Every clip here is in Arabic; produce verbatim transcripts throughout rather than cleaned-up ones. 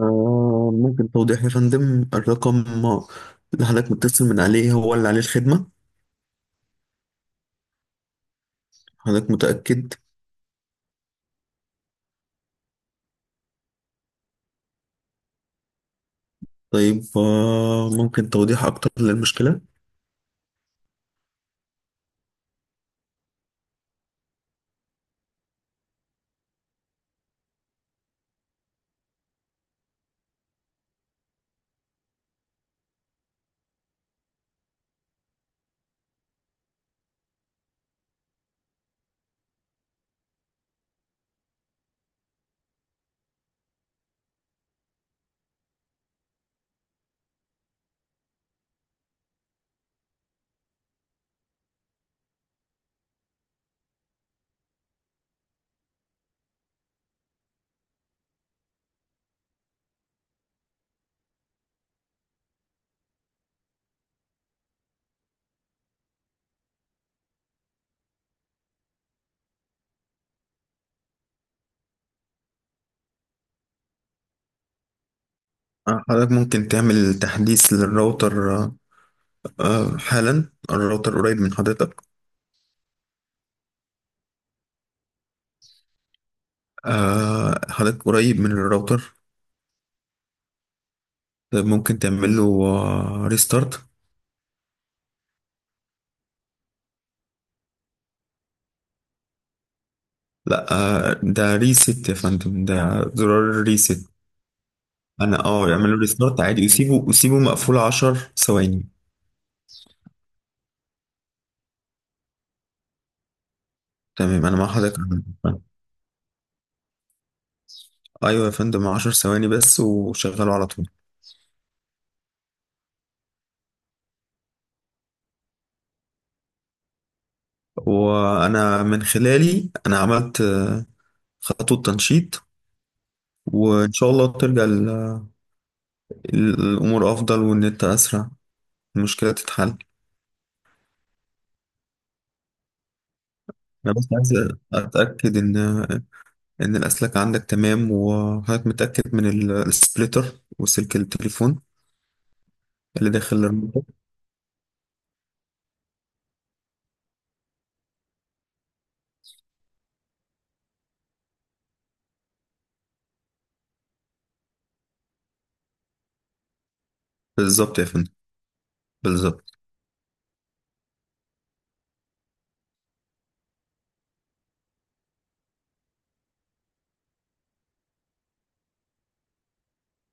آه ممكن توضيح يا فندم الرقم اللي حضرتك متصل من عليه هو اللي عليه الخدمة. حضرتك متأكد؟ طيب آه ممكن توضيح أكتر للمشكلة. آه حضرتك ممكن تعمل تحديث للراوتر. آه آه، حالا الراوتر قريب من حضرتك؟ آه حضرتك قريب من الراوتر؟ طيب ممكن تعمل له آه ريستارت. لا، آه ده ريست يا فندم، ده زرار ريست. أنا أه يعمل له ريستارت عادي، وسيبه وسيبه مقفول عشر ثواني. تمام، انا مع حضرتك. ايوه يا فندم، 10 ثواني بس وشغله على طول. وانا من خلالي انا عملت آه، خطوه تنشيط، وان شاء الله ترجع ال- ال- الامور افضل، وان انت اسرع المشكله تتحل. انا بس عايز اتاكد ان ان الاسلاك عندك تمام، وحضرتك متاكد من ال- السبليتر وسلك التليفون اللي داخل الراوتر. بالظبط يا فندم. بالظبط.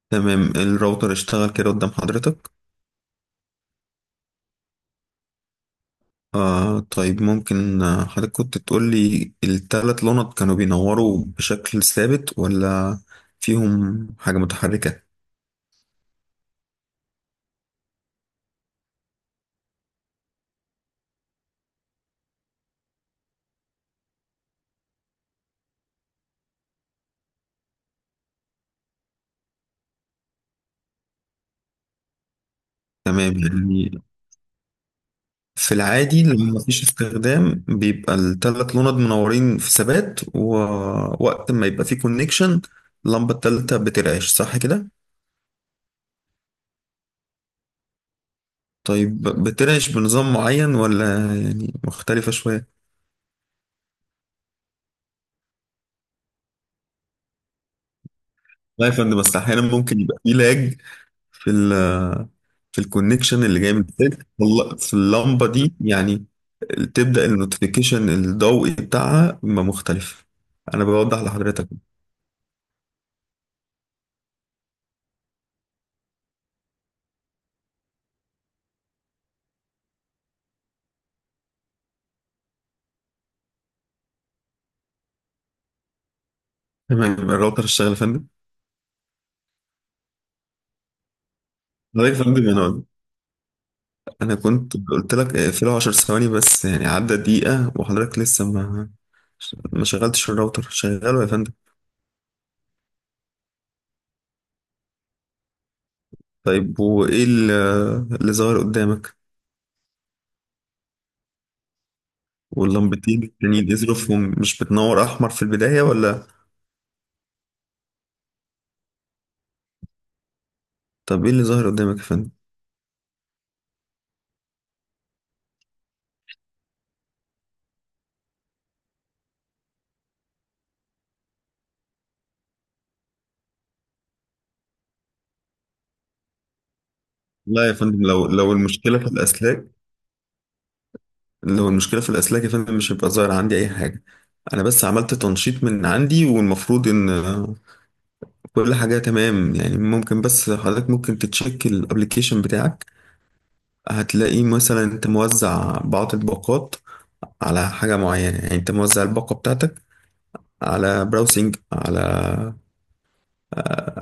تمام، الراوتر اشتغل كده قدام حضرتك؟ آه طيب، ممكن آه، حضرتك كنت تقول لي التلات لونات كانوا بينوروا بشكل ثابت ولا فيهم حاجة متحركة؟ تمام. يعني في العادي لما مفيش استخدام بيبقى التلات لونات منورين في ثبات، ووقت ما يبقى فيه كونكشن اللمبة التالتة بترعش، صح كده؟ طيب بترعش بنظام معين ولا يعني مختلفة شوية؟ لا يا فندم، بس أحيانا ممكن يبقى فيه لاج في ال في الكونكشن اللي جاي من السلك، والله في اللمبة دي، يعني تبدأ النوتيفيكيشن الضوئي بتاعها يبقى مختلف. أنا بوضح لحضرتك. تمام، الراوتر اشتغل يا فندم؟ حضرتك يا فندم، أنا أنا كنت قلت لك اقفله 10 ثواني بس، يعني عدى دقيقة وحضرتك لسه ما ما شغلتش الراوتر. شغله يا فندم. طيب وإيه ال- آه، اللي ظاهر قدامك؟ واللمبتين التانيين ازرفهم مش بتنور أحمر في البداية ولا؟ طب إيه اللي ظاهر قدامك يا فندم؟ لا يا فندم، لو لو المشكلة في الأسلاك، لو المشكلة في الأسلاك يا فندم مش هيبقى ظاهر عندي أي حاجة. أنا بس عملت تنشيط من عندي، والمفروض إن آه، كل حاجة تمام. يعني ممكن، بس حضرتك ممكن تتشيك الأبليكيشن بتاعك. هتلاقي مثلا أنت موزع بعض الباقات على حاجة معينة، يعني أنت موزع الباقة بتاعتك على براوسنج، على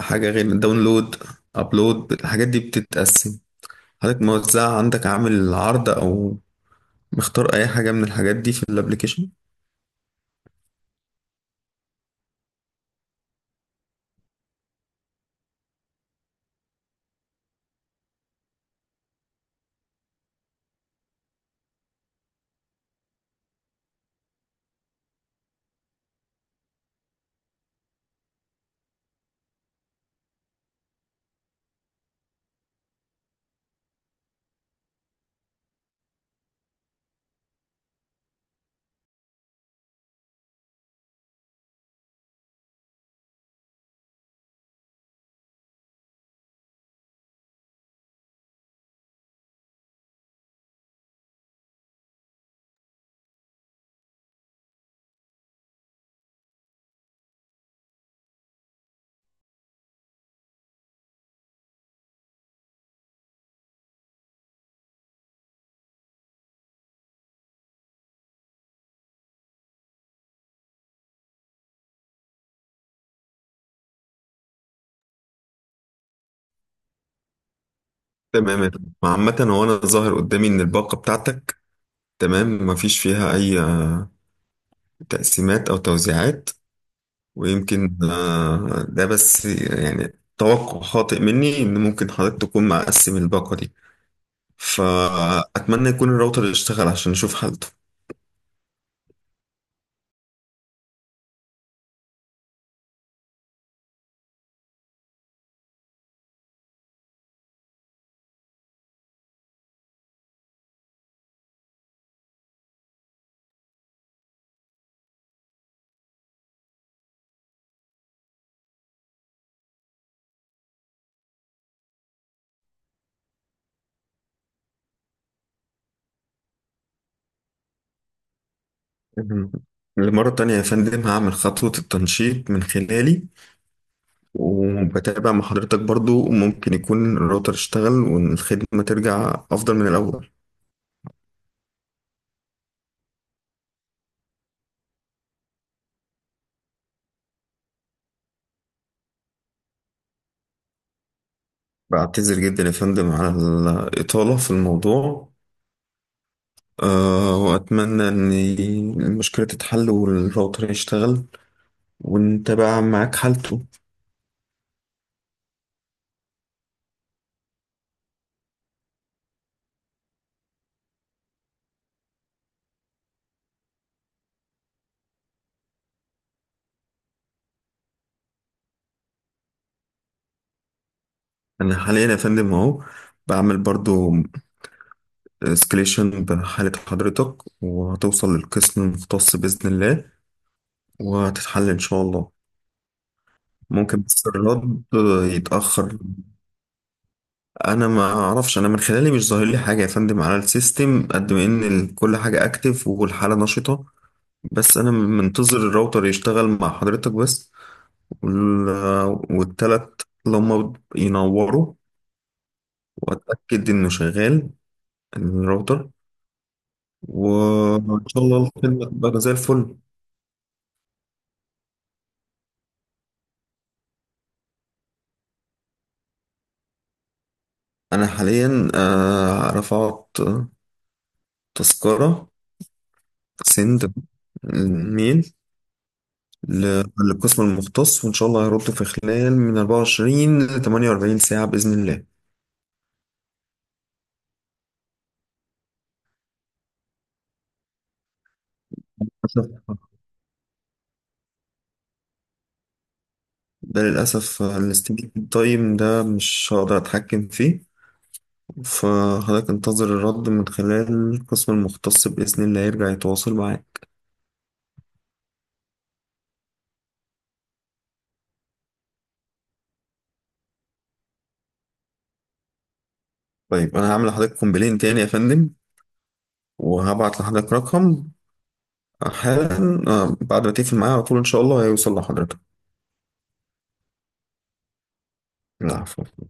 حاجة غير داونلود، أبلود. الحاجات دي بتتقسم. حضرتك موزع عندك، عامل عرض، أو مختار أي حاجة من الحاجات دي في الأبليكيشن؟ تمام يا فندم. عامة هو أنا ظاهر قدامي إن الباقة بتاعتك تمام، مفيش فيها أي آه، تقسيمات أو توزيعات. ويمكن آه، ده بس يعني توقع خاطئ مني إن ممكن حضرتك تكون مقسم الباقة دي. فأتمنى يكون الراوتر يشتغل عشان نشوف حالته. مهم. لمرة تانية يا فندم هعمل خطوة التنشيط من خلالي، وبتابع مع حضرتك، برضو ممكن يكون الراوتر اشتغل والخدمة ترجع أفضل من الأول. بعتذر جدا يا فندم على الإطالة في الموضوع. أه وأتمنى إن المشكلة تتحل والراوتر يشتغل، وأنت بقى معاك حالته. أنا حاليا يا فندم أهو بعمل برضو اسكليشن بحالة حضرتك، وهتوصل للقسم المختص بإذن الله، وهتتحل إن شاء الله. ممكن بس الرد يتأخر. أنا ما أعرفش، أنا من خلالي مش ظاهر لي حاجة يا فندم على السيستم، قد ما إن ال- كل حاجة أكتف والحالة نشطة. بس انا منتظر الراوتر يشتغل مع حضرتك بس، وال- والتلات اللي هم ينوروا، واتاكد انه شغال الراوتر، وان شاء الله الخدمه تبقى زي الفل. انا حاليا آه، رفعت تذكره، سند الميل ل- للقسم المختص، وان شاء الله هيردوا في خلال من أربعة وعشرين ل ثمانية وأربعين ساعه باذن الله. للأسف، ده للأسف الاستيميت تايم ده مش هقدر أتحكم فيه. فحضرتك انتظر الرد من خلال القسم المختص بإذن الله يرجع يتواصل معاك. طيب أنا هعمل لحضرتك كومبلين تاني يا فندم، وهبعت لحضرتك رقم حالا، آه، بعد ما تقفل معايا على طول إن شاء الله هيوصل لحضرتك. العفو.